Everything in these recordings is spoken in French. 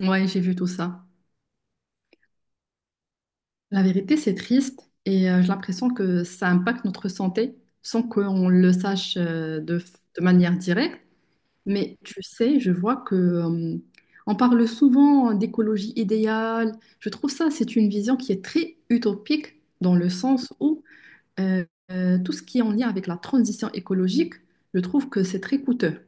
Ouais, j'ai vu tout ça. La vérité, c'est triste et j'ai l'impression que ça impacte notre santé sans qu'on le sache de manière directe. Mais tu sais, je vois que on parle souvent d'écologie idéale. Je trouve ça, c'est une vision qui est très utopique dans le sens où euh, tout ce qui est en lien avec la transition écologique, je trouve que c'est très coûteux.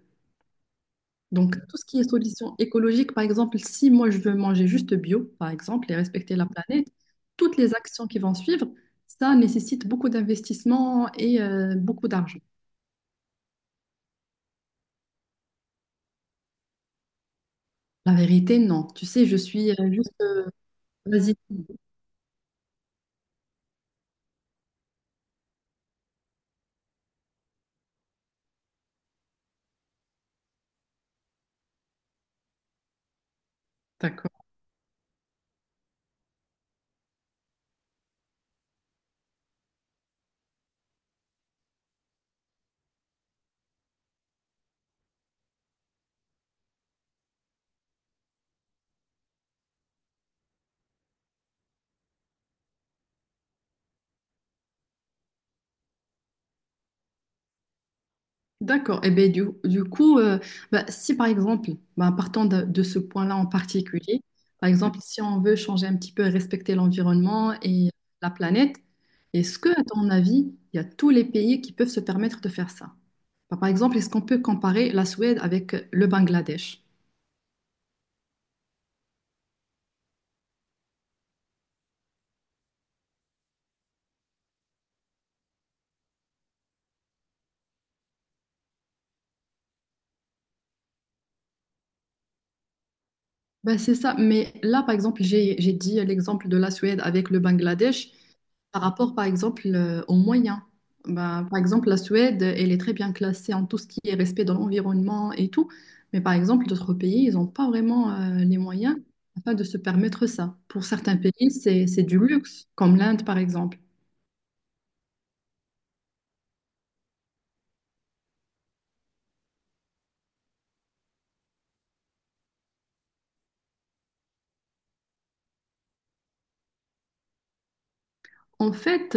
Donc, tout ce qui est solution écologique, par exemple, si moi je veux manger juste bio, par exemple, et respecter la planète, toutes les actions qui vont suivre, ça nécessite beaucoup d'investissement et beaucoup d'argent. La vérité, non. Tu sais, je suis juste... Vas-y. D'accord. D'accord. Et ben du coup, bah, si par exemple, bah, partant de ce point-là en particulier, par exemple, si on veut changer un petit peu et respecter l'environnement et la planète, est-ce que, à ton avis, il y a tous les pays qui peuvent se permettre de faire ça? Bah, par exemple, est-ce qu'on peut comparer la Suède avec le Bangladesh? Ben, c'est ça, mais là, par exemple, j'ai dit l'exemple de la Suède avec le Bangladesh. Par rapport, par exemple, aux moyens. Ben, par exemple, la Suède, elle est très bien classée en tout ce qui est respect de l'environnement et tout. Mais par exemple, d'autres pays, ils n'ont pas vraiment les moyens afin de se permettre ça. Pour certains pays, c'est du luxe, comme l'Inde, par exemple. En fait,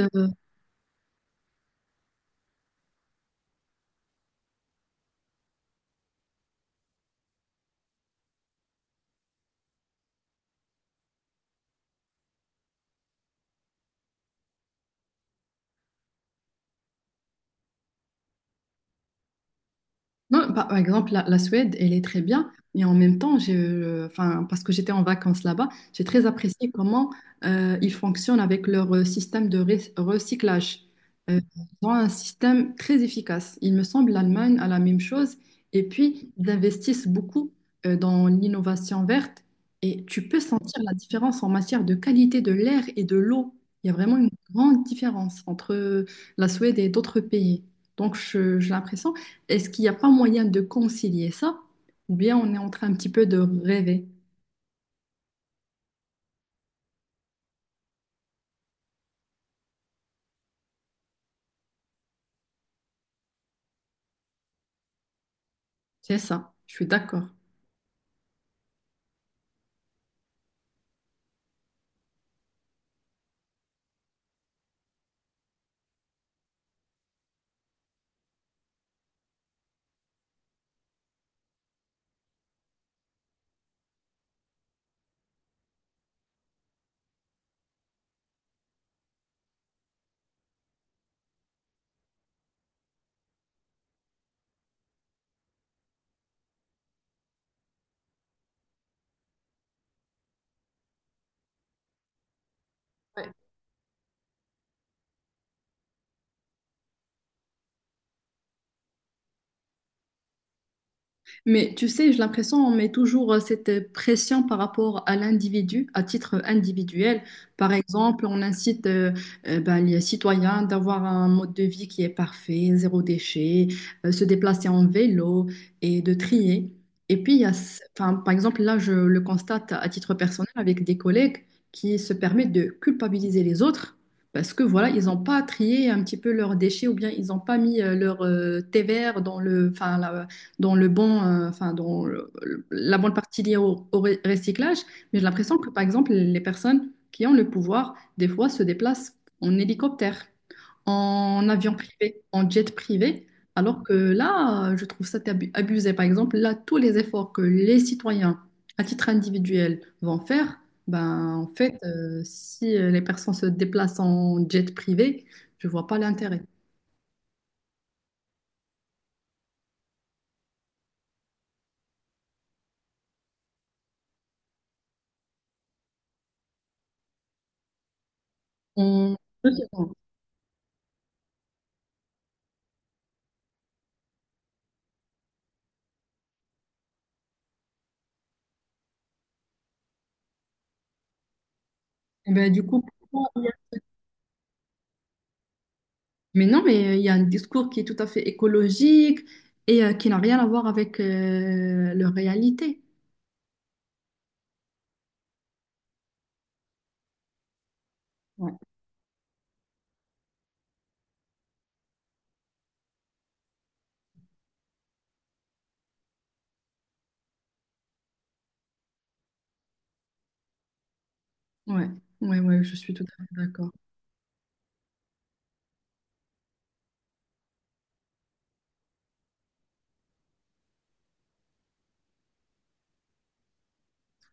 non, par exemple, la Suède, elle est très bien, mais en même temps, je, enfin, parce que j'étais en vacances là-bas, j'ai très apprécié comment ils fonctionnent avec leur système de recyclage. Ils ont un système très efficace. Il me semble l'Allemagne a la même chose. Et puis, ils investissent beaucoup dans l'innovation verte et tu peux sentir la différence en matière de qualité de l'air et de l'eau. Il y a vraiment une grande différence entre la Suède et d'autres pays. Donc, j'ai l'impression est-ce qu'il n'y a pas moyen de concilier ça? Ou bien on est en train un petit peu de rêver. C'est ça, je suis d'accord. Mais tu sais, j'ai l'impression on met toujours cette pression par rapport à l'individu, à titre individuel. Par exemple, on incite ben, les citoyens d'avoir un mode de vie qui est parfait, zéro déchet, se déplacer en vélo et de trier. Et puis, il y a, ce- enfin, par exemple, là, je le constate à titre personnel avec des collègues qui se permettent de culpabiliser les autres parce que voilà, ils n'ont pas trié un petit peu leurs déchets ou bien ils n'ont pas mis leur thé vert dans le, enfin, la- dans le bon, enfin, dans le- la bonne partie liée au recyclage, mais j'ai l'impression que, par exemple, les personnes qui ont le pouvoir, des fois, se déplacent en hélicoptère, en avion privé, en jet privé, alors que là, je trouve ça abusé. Par exemple, là, tous les efforts que les citoyens, à titre individuel, vont faire, ben, en fait, si les personnes se déplacent en jet privé, je vois pas l'intérêt. En Eh ben, du coup, pourquoi mais non, mais il y a un discours qui est tout à fait écologique et qui n'a rien à voir avec leur réalité. Ouais. Ouais, ouais, ouais, je suis tout à fait d'accord.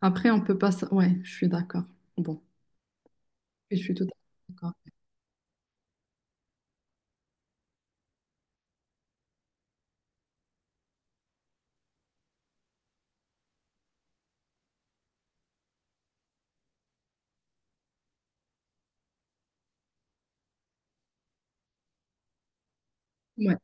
Après, on peut pas... s- Ouais, je suis d'accord. Bon, je suis tout à fait d'accord. Ouais,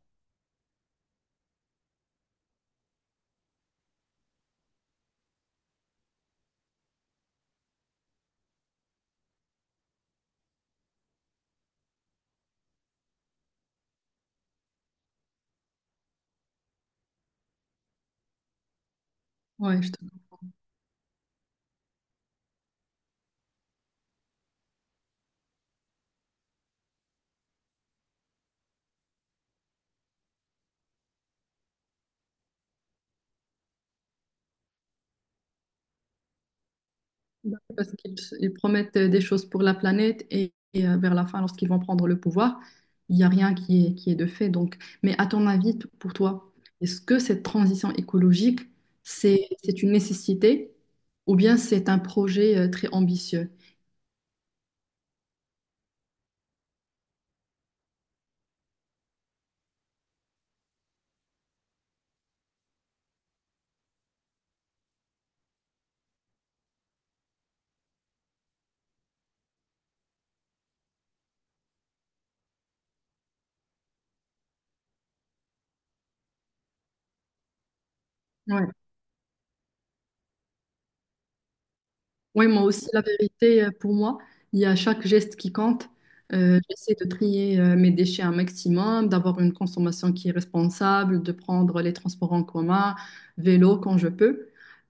ouais, je te bah, parce qu'ils promettent des choses pour la planète vers la fin, lorsqu'ils vont prendre le pouvoir, il n'y a rien qui est, qui est de fait. Donc, mais à ton avis, t- pour toi, est-ce que cette transition écologique, c'est une nécessité ou bien c'est un projet très ambitieux? Ouais. Oui, moi aussi, la vérité, pour moi, il y a chaque geste qui compte. J'essaie de trier mes déchets un maximum, d'avoir une consommation qui est responsable, de prendre les transports en commun, vélo quand je peux.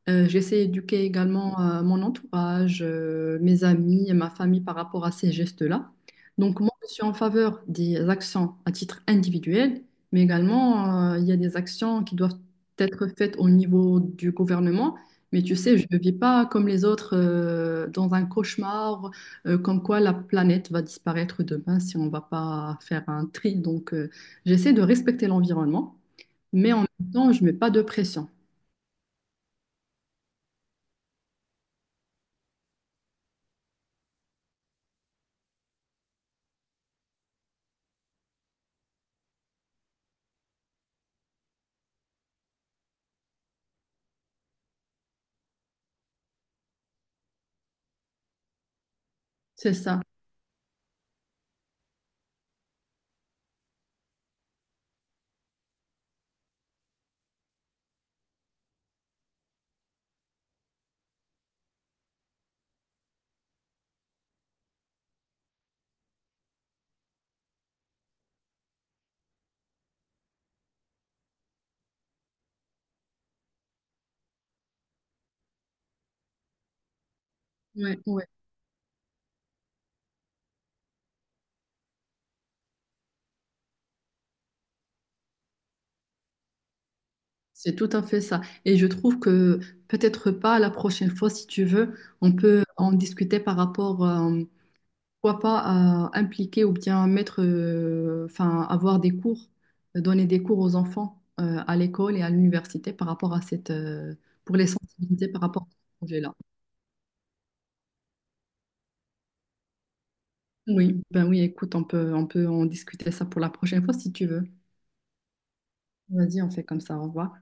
J'essaie d'éduquer également mon entourage, mes amis et ma famille par rapport à ces gestes-là. Donc, moi, je suis en faveur des actions à titre individuel, mais également, il y a des actions qui doivent être faites au niveau du gouvernement, mais tu sais, je ne vis pas comme les autres dans un cauchemar, comme quoi la planète va disparaître demain si on ne va pas faire un tri. Donc, j'essaie de respecter l'environnement, mais en même temps, je ne mets pas de pression. C'est ça. Ouais, ouais. C'est tout à fait ça. Et je trouve que peut-être pas la prochaine fois, si tu veux, on peut en discuter par rapport pourquoi pas impliquer ou bien mettre, enfin, avoir des cours, donner des cours aux enfants à l'école et à l'université par rapport à cette, pour les sensibiliser par rapport à ce projet-là. Oui, ben oui, écoute, on peut en discuter ça pour la prochaine fois si tu veux. Vas-y, on fait comme ça, au revoir.